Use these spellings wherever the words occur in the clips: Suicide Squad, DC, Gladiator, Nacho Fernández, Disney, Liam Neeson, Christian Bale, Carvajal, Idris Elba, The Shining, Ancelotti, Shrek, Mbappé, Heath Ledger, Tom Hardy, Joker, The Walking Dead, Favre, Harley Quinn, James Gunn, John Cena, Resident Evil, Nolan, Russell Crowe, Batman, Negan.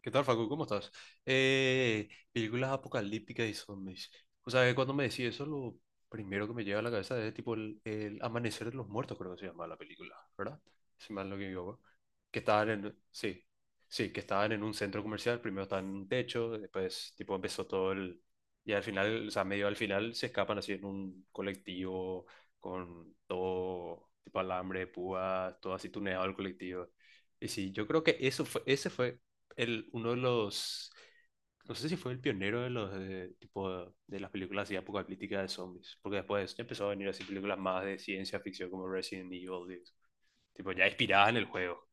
¿Qué tal, Facu? ¿Cómo estás? Películas apocalípticas y zombies. O sea, que cuando me decís eso, lo primero que me llega a la cabeza es tipo el Amanecer de los Muertos, creo que se llama la película, ¿verdad? Si mal no me equivoco. Sí, sí, que estaban en un centro comercial, primero estaban en un techo, después tipo empezó y al final, o sea, medio al final se escapan así en un colectivo con todo tipo alambre de púas, todo así tuneado el colectivo. Y sí, yo creo que ese fue el, uno de los, no sé si fue el pionero tipo de las películas así apocalípticas de zombies, porque después empezó a venir así películas más de ciencia ficción como Resident Evil, tipo ya inspiradas en el juego.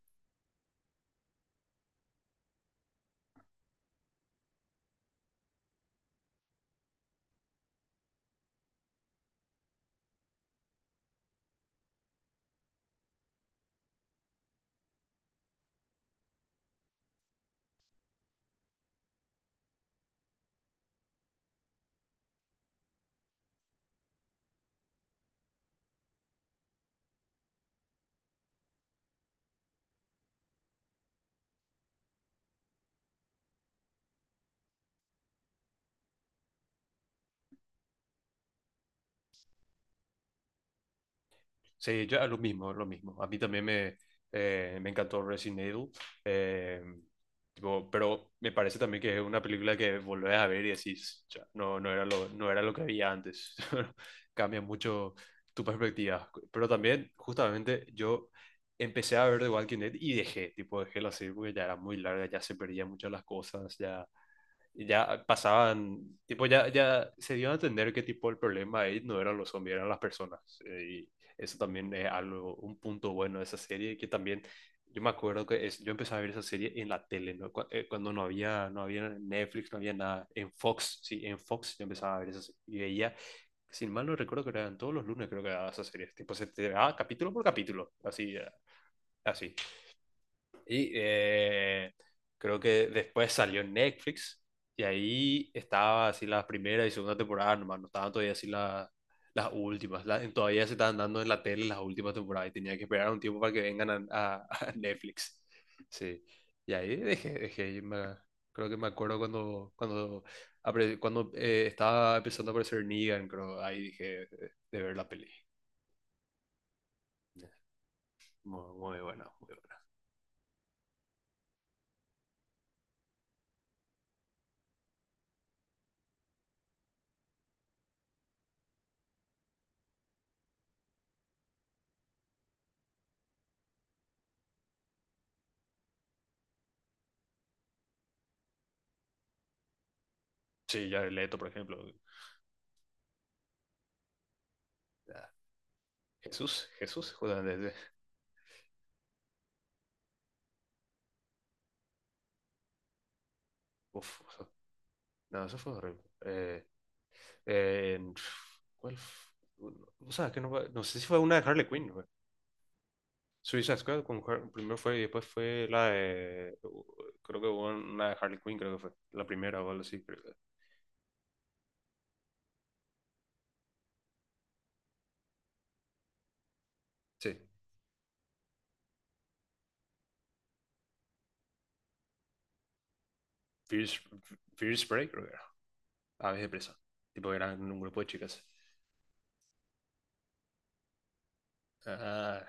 Sí, yo lo mismo, lo mismo. A mí también me encantó Resident Evil. eh, Tipo, pero me parece también que es una película que volvés a ver y decís, "Cha, no, no era lo que había antes." Cambia mucho tu perspectiva. Pero también, justamente, yo empecé a ver The Walking Dead y dejé la serie porque ya era muy larga, ya se perdían muchas las cosas, ya, y ya pasaban, tipo, ya se dio a entender que tipo el problema ahí no eran los zombies, eran las personas. Y eso también es algo, un punto bueno de esa serie, que también yo me acuerdo yo empecé a ver esa serie en la tele, ¿no? Cuando no había, Netflix, no había nada, en Fox, sí, en Fox yo empezaba a ver esa serie y veía, sin mal no recuerdo que eran todos los lunes creo que era esa serie, tipo se te daba capítulo por capítulo, así, así. Y creo que después salió en Netflix y ahí estaba así la primera y segunda temporada nomás, no estaban todavía así las últimas, todavía se estaban dando en la tele las últimas temporadas y tenía que esperar un tiempo para que vengan a Netflix. Sí, y ahí dejé, y creo que me acuerdo cuando, cuando, cuando estaba empezando a aparecer Negan, creo, ahí dije ver la peli. Muy, muy buena, muy buena. Sí, ya Leto, por ejemplo. Jesús, Jesús, justamente. Uf, no, eso fue horrible. Eh, en- ¿Cuál? O sea, que no, no sé si fue una de Harley Quinn, güey. Suicide Squad, con primero fue y después fue la de. Creo que hubo una de Harley Quinn, creo que fue. La primera o algo así, creo que. Sí. fierce, fierce Fear Spray, creo que era. Aves de presa. Tipo, eran un grupo de chicas. Ah,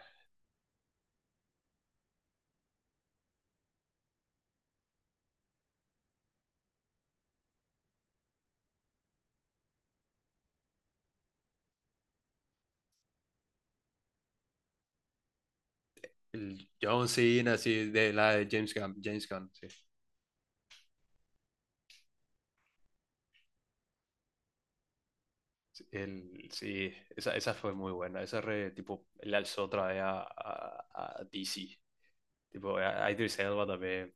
el John Cena, sí, de la de James Gunn. James Gunn, sí. Sí, esa fue muy buena. Esa tipo, le alzó otra vez a, DC. Tipo, a Idris Elba también.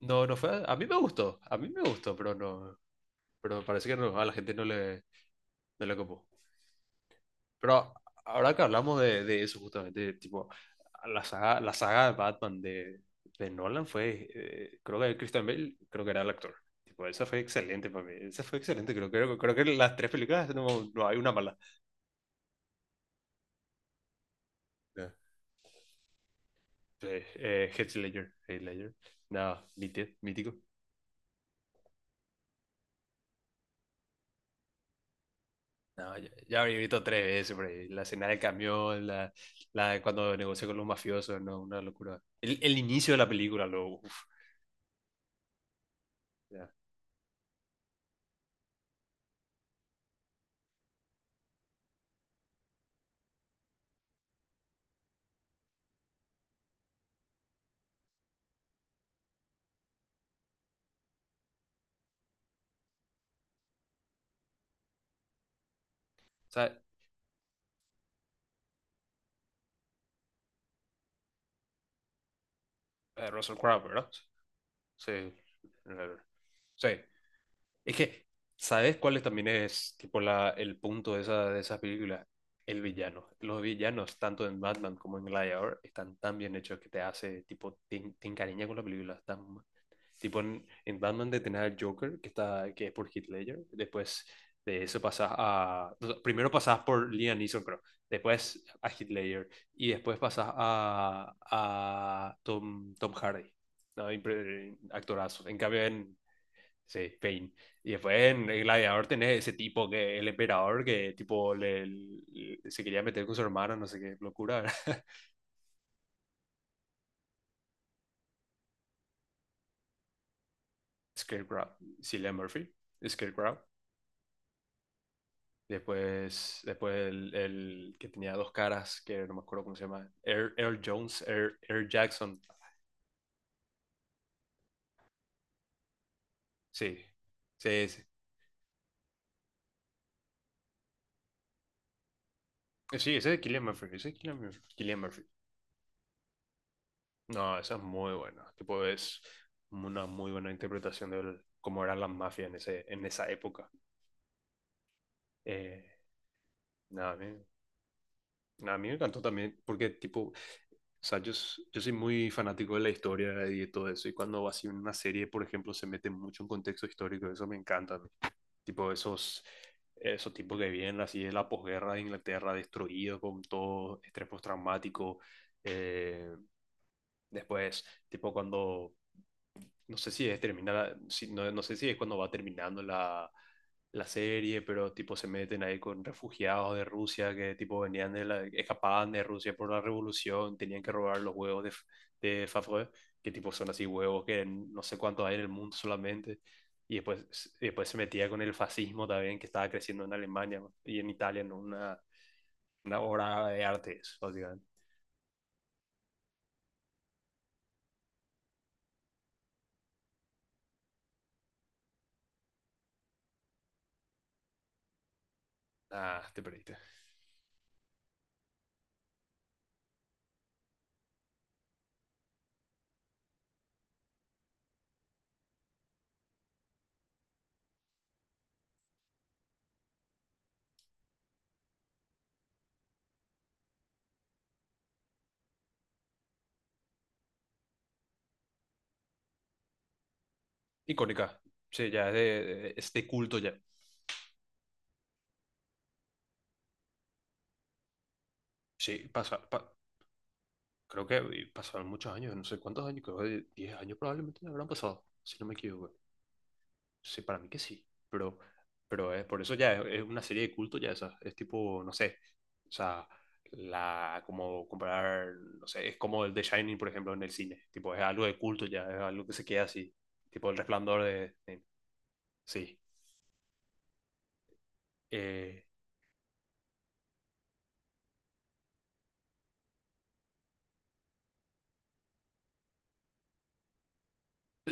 No, no fue. A mí me gustó. A mí me gustó, pero no. Pero parece que no, a la gente no le copó. Pero ahora que hablamos de eso, justamente, tipo, la saga de Batman de Nolan fue. Creo que Christian Bale, creo que era el actor. Tipo, esa fue excelente para mí. Esa fue excelente, creo que las tres películas no hay una mala. Heath Ledger, Heath Ledger. No, mítico. No, ya habría visto tres veces por ahí. La escena del camión, la de cuando negoció con los mafiosos, no, una locura. El inicio de la película, lo. Uf, ya. O sea, Russell Crowe, ¿verdad? Sí. Sí. Es que, ¿sabes cuál también es tipo el punto de de esas películas? El villano. Los villanos, tanto en Batman como en Gladiator, están tan bien hechos que te hace, tipo, te encariña con la película. Están. Tipo en Batman de tener al Joker, que es por Heath Ledger. Después de eso pasas a... Primero pasas por Liam Neeson, creo. Después a Heath Ledger. Y después pasas a Tom Hardy. ¿No? Actorazo. En cambio en... Sí, Pain. Y después en el Gladiador tenés ese tipo que el emperador que tipo se quería meter con su hermana, no sé qué locura. Scarecrow. Cillian Murphy. Scarecrow. Después el que tenía dos caras, que no me acuerdo cómo se llama. Air Jones, Air Jackson. Sí, sí, sí. Sí, ese es Cillian Murphy, ese es Cillian Murphy. Cillian Murphy. No, esa es muy buena. Tipo, es una muy buena interpretación de cómo eran las mafias en esa época. Eh, Nada, a mí, me encantó también, porque, tipo, o sea, yo soy muy fanático de la historia y de todo eso. Y cuando así una serie, por ejemplo, se mete mucho en contexto histórico, eso me encanta. Tipo esos tipos que vienen así de la posguerra de Inglaterra, destruido con todo estrés postraumático. eh, Después, tipo cuando no sé si es terminar, no, no sé si es cuando va terminando la serie, pero tipo se meten ahí con refugiados de Rusia que tipo venían escapaban de Rusia por la revolución, tenían que robar los huevos de Favre, que tipo son así huevos que no sé cuántos hay en el mundo solamente. Y después se metía con el fascismo también que estaba creciendo en Alemania y en Italia, en una obra de arte, eso, básicamente. Ah, te perdiste. Icónica. Sí, ya es de este culto ya. Sí, creo que pasaron muchos años, no sé cuántos años, creo que 10 años probablemente ya habrán pasado, si no me equivoco. Sí, para mí que sí, pero, pero por eso ya es una serie de culto ya esa, es tipo, no sé, o sea, como comparar, no sé, es como el The Shining, por ejemplo, en el cine, tipo, es algo de culto ya, es algo que se queda así, tipo el resplandor sí. Eh,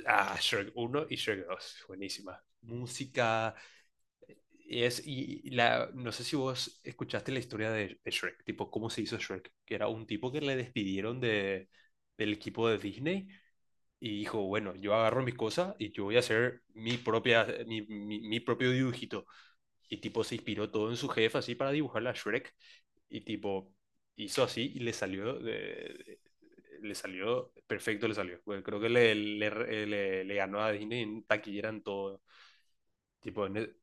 Shrek uno y Shrek 2 buenísima. Música, y no sé si vos escuchaste la historia de Shrek, tipo, cómo se hizo Shrek, que era un tipo que le despidieron del equipo de Disney y dijo, bueno, yo agarro mis cosas y yo voy a hacer mi, propia, mi propio dibujito. Y tipo, se inspiró todo en su jefe así para dibujar la Shrek y tipo, hizo así y le salió perfecto, le salió. Bueno, creo que le ganó a Disney en taquillera en todo. Tipo, en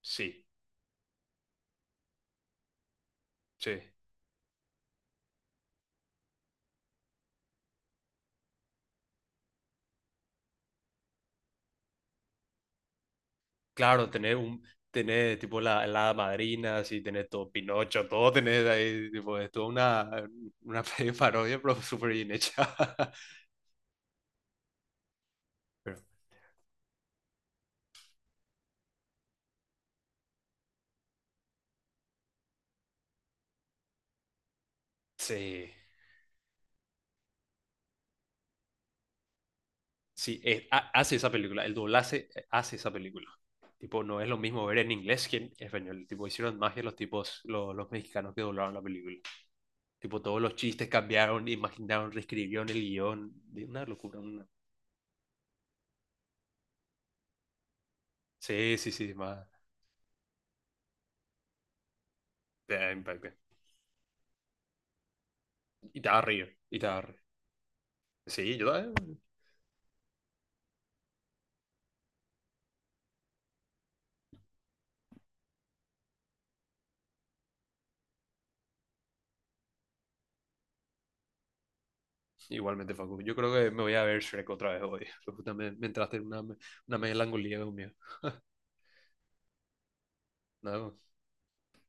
sí, sí. Claro, tener tipo la hada madrina, así, tener todo Pinocho, todo tener ahí, tipo, es toda una parodia, pero súper bien hecha. Pero, sí, sí, hace esa película, el doblaje hace esa película. Tipo, no es lo mismo ver en inglés que en español. Tipo, hicieron magia los tipos, los mexicanos que doblaron la película. Tipo, todos los chistes cambiaron, imaginaron, reescribieron el guión. De una locura, una... Sí, sí, sí, más... Te da impacto. Y te da río, y te da río. Sí, yo también. Igualmente, Facu. Yo creo que me voy a ver Shrek otra vez hoy. Justamente me entraste en una melancolía conmigo. Nada,